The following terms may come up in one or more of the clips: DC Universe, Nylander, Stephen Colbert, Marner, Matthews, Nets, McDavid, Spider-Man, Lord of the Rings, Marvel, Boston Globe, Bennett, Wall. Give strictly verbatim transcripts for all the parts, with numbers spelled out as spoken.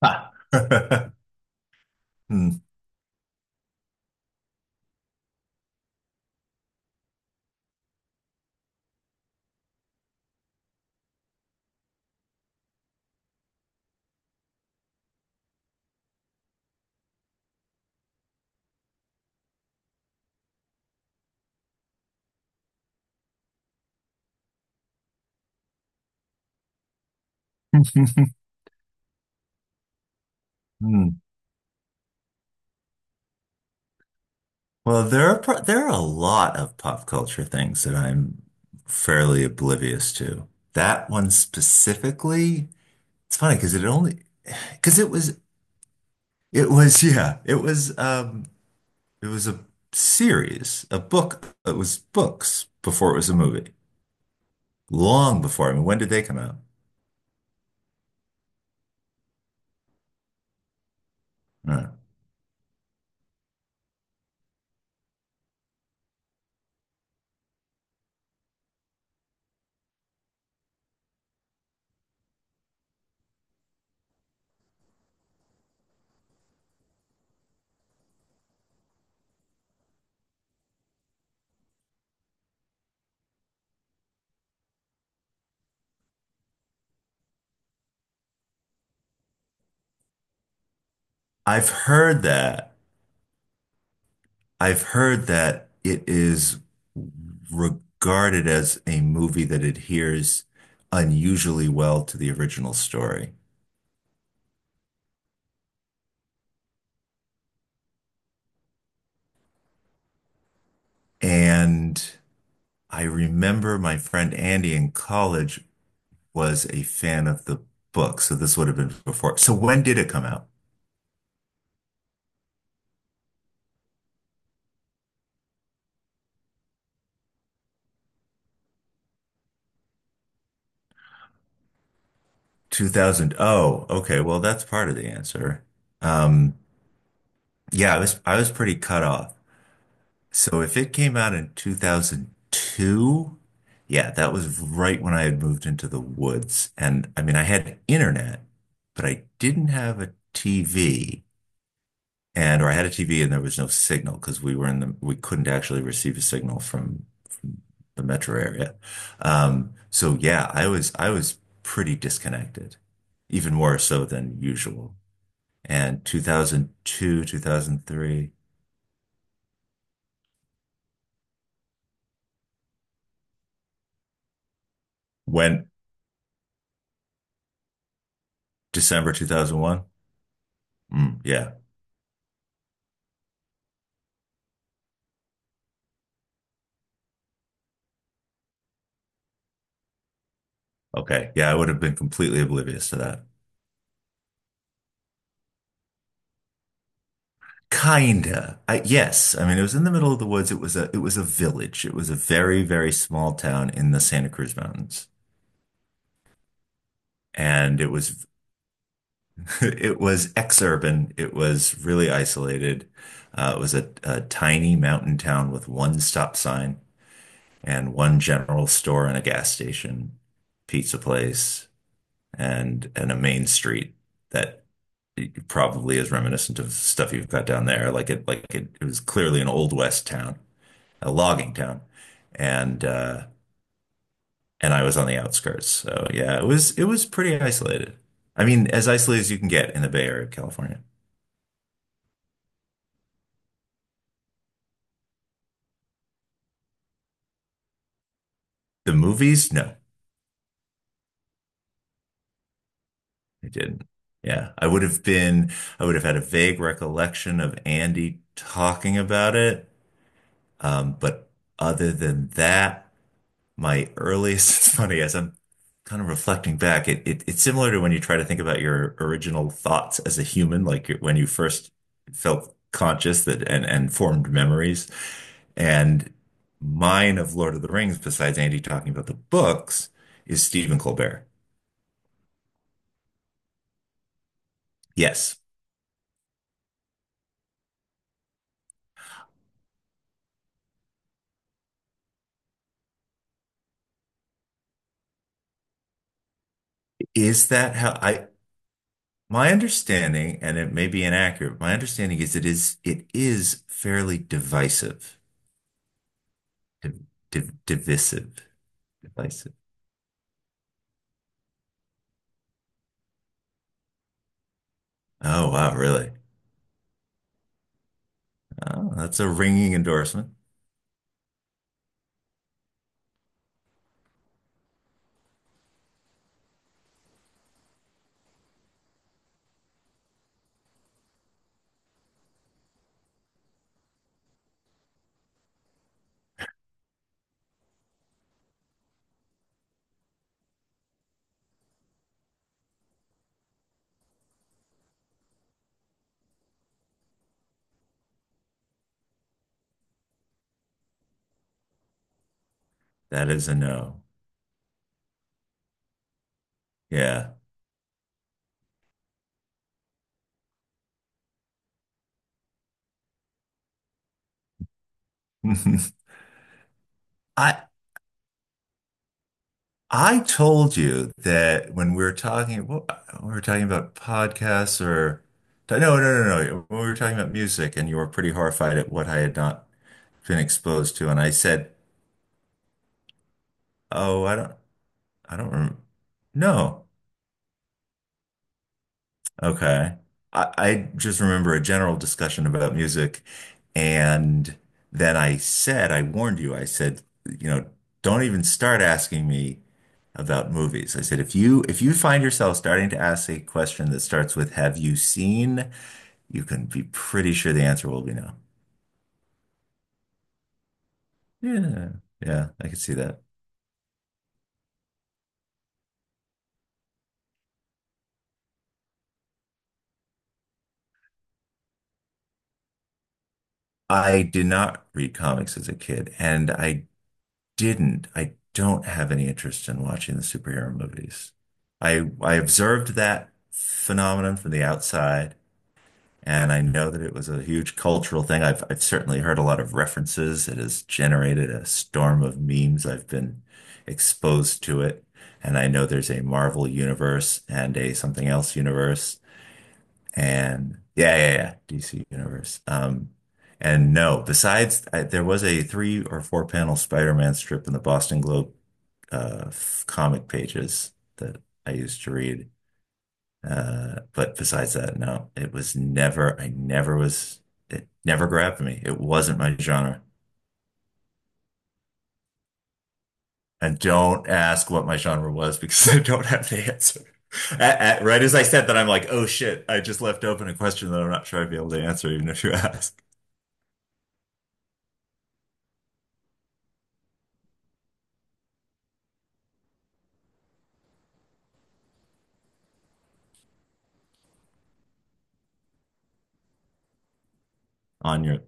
Ah. Hmm. Hmm. Well, there are pro there are a lot of pop culture things that I'm fairly oblivious to. That one specifically, it's funny because it only because it was it was yeah it was um it was a series a book it was books before it was a movie long before. I mean, when did they come out? I don't know. I've heard that. I've heard that it is regarded as a movie that adheres unusually well to the original story. And I remember my friend Andy in college was a fan of the book. So this would have been before. So when did it come out? two thousand. Oh, okay. Well, that's part of the answer. Um, yeah, I was I was pretty cut off. So if it came out in two thousand two, yeah, that was right when I had moved into the woods. And I mean, I had internet, but I didn't have a T V. And or I had a T V and there was no signal because we were in the we couldn't actually receive a signal from, from the metro area. Um, so yeah, I was I was pretty disconnected, even more so than usual. And two thousand two, two thousand three, when December two thousand one. Mm, yeah. Okay. Yeah, I would have been completely oblivious to that. Kinda. I, yes. I mean, it was in the middle of the woods. It was a it was a village. It was a very, very small town in the Santa Cruz Mountains. And it was it was ex-urban. It was really isolated. Uh, it was a, a tiny mountain town with one stop sign and one general store and a gas station, pizza place, and and a main street that it probably is reminiscent of stuff you've got down there. Like it, like it, it was clearly an old west town, a logging town, and uh, and I was on the outskirts. So yeah, it was it was pretty isolated. I mean, as isolated as you can get in the Bay Area of California. The movies, no, I didn't. Yeah, I would have been, I would have had a vague recollection of Andy talking about it, um, but other than that, my earliest, it's funny as I'm kind of reflecting back, it, it it's similar to when you try to think about your original thoughts as a human, like when you first felt conscious that and, and formed memories. And mine of Lord of the Rings, besides Andy talking about the books, is Stephen Colbert. Yes. Is that how I my understanding, and it may be inaccurate, my understanding is it is it is fairly divisive. Div, div, divisive. Divisive. Oh wow, really? Oh, that's a ringing endorsement. That is a no. Yeah. I I told you that when we were talking, what we were talking about podcasts or no, no, no, no. When we were talking about music, and you were pretty horrified at what I had not been exposed to, and I said, "Oh, I don't, I don't rem no." Okay. I, I just remember a general discussion about music, and then I said, I warned you, I said, you know, don't even start asking me about movies. I said, if you if you find yourself starting to ask a question that starts with "Have you seen?" you can be pretty sure the answer will be no. Yeah, yeah, I could see that. I did not read comics as a kid, and I didn't. I don't have any interest in watching the superhero movies. I I observed that phenomenon from the outside, and I know that it was a huge cultural thing. I've I've certainly heard a lot of references. It has generated a storm of memes. I've been exposed to it, and I know there's a Marvel universe and a something else universe. And yeah, yeah, yeah, D C Universe. Um, and no, besides, I, there was a three or four panel Spider-Man strip in the Boston Globe uh, f- comic pages that I used to read. Uh, but besides that, no, it was never, I never was, it never grabbed me. It wasn't my genre. And don't ask what my genre was because I don't have the answer. At, at, right as I said that, I'm like, oh shit, I just left open a question that I'm not sure I'd be able to answer, even if you ask on your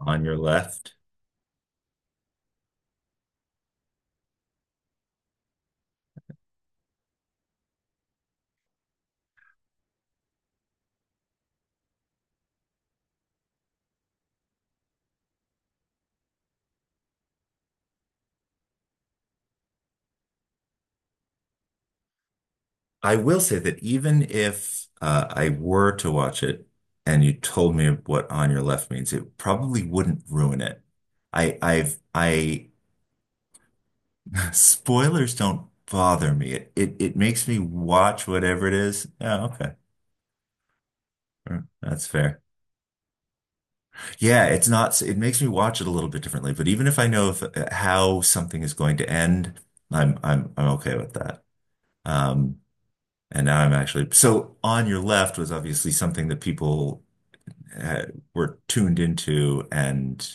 on your left. I will say that even if uh, I were to watch it and you told me what on your left means, it probably wouldn't ruin it. I, I've, I, spoilers don't bother me. It, it, it makes me watch whatever it is. Oh, okay. Mm, that's fair. Yeah, it's not, it makes me watch it a little bit differently, but even if I know if, uh, how something is going to end, I'm, I'm, I'm okay with that. Um, and now I'm actually, so on your left was obviously something that people uh, were tuned into and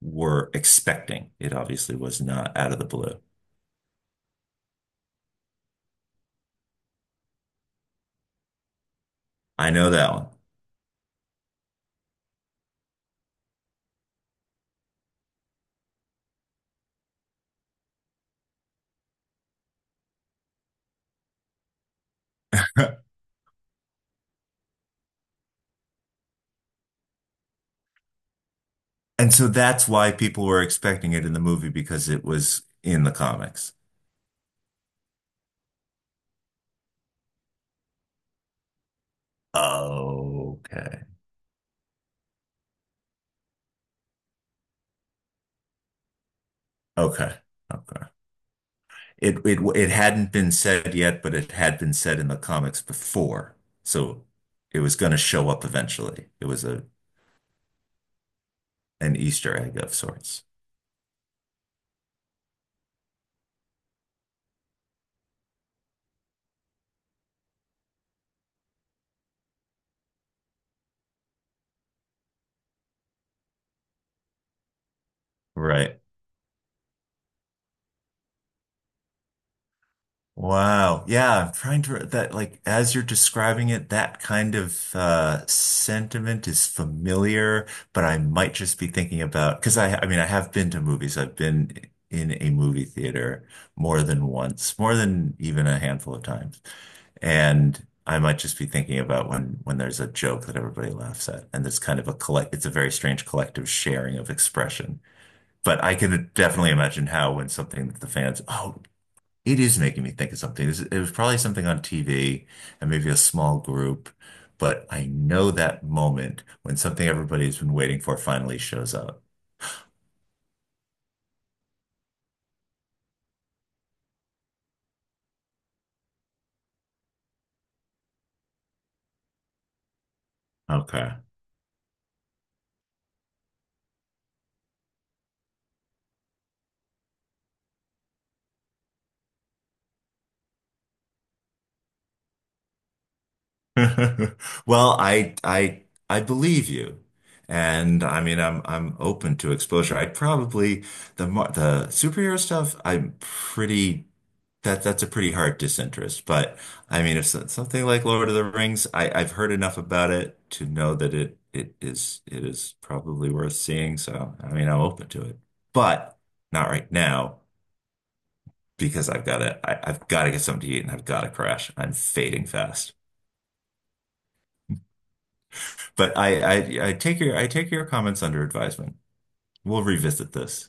were expecting. It obviously was not out of the blue. I know that one. And so that's why people were expecting it in the movie because it was in the comics. Okay. Okay. Okay. It it it hadn't been said yet, but it had been said in the comics before. So it was going to show up eventually. It was a an Easter egg of sorts. Right. Wow. Yeah, I'm trying to that like as you're describing it, that kind of uh sentiment is familiar, but I might just be thinking about because I I mean I have been to movies. I've been in a movie theater more than once, more than even a handful of times. And I might just be thinking about when when there's a joke that everybody laughs at and there's kind of a collect it's a very strange collective sharing of expression. But I could definitely imagine how when something that the fans, oh, it is making me think of something. This- it was probably something on T V and maybe a small group, but I know that moment when something everybody's been waiting for finally shows up. Okay. Well, I I I believe you. And I mean, I'm I'm open to exposure. I'd probably the mar- the superhero stuff, I'm pretty that that's a pretty hard disinterest. But I mean, if so- something like Lord of the Rings, I I've heard enough about it to know that it it is it is probably worth seeing. So, I mean, I'm open to it. But not right now because I've got to I, I've got to get something to eat and I've got to crash. I'm fading fast. But I, I, I take your, I take your comments under advisement. We'll revisit this.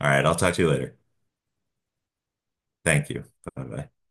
All right, I'll talk to you later. Thank you. Bye bye.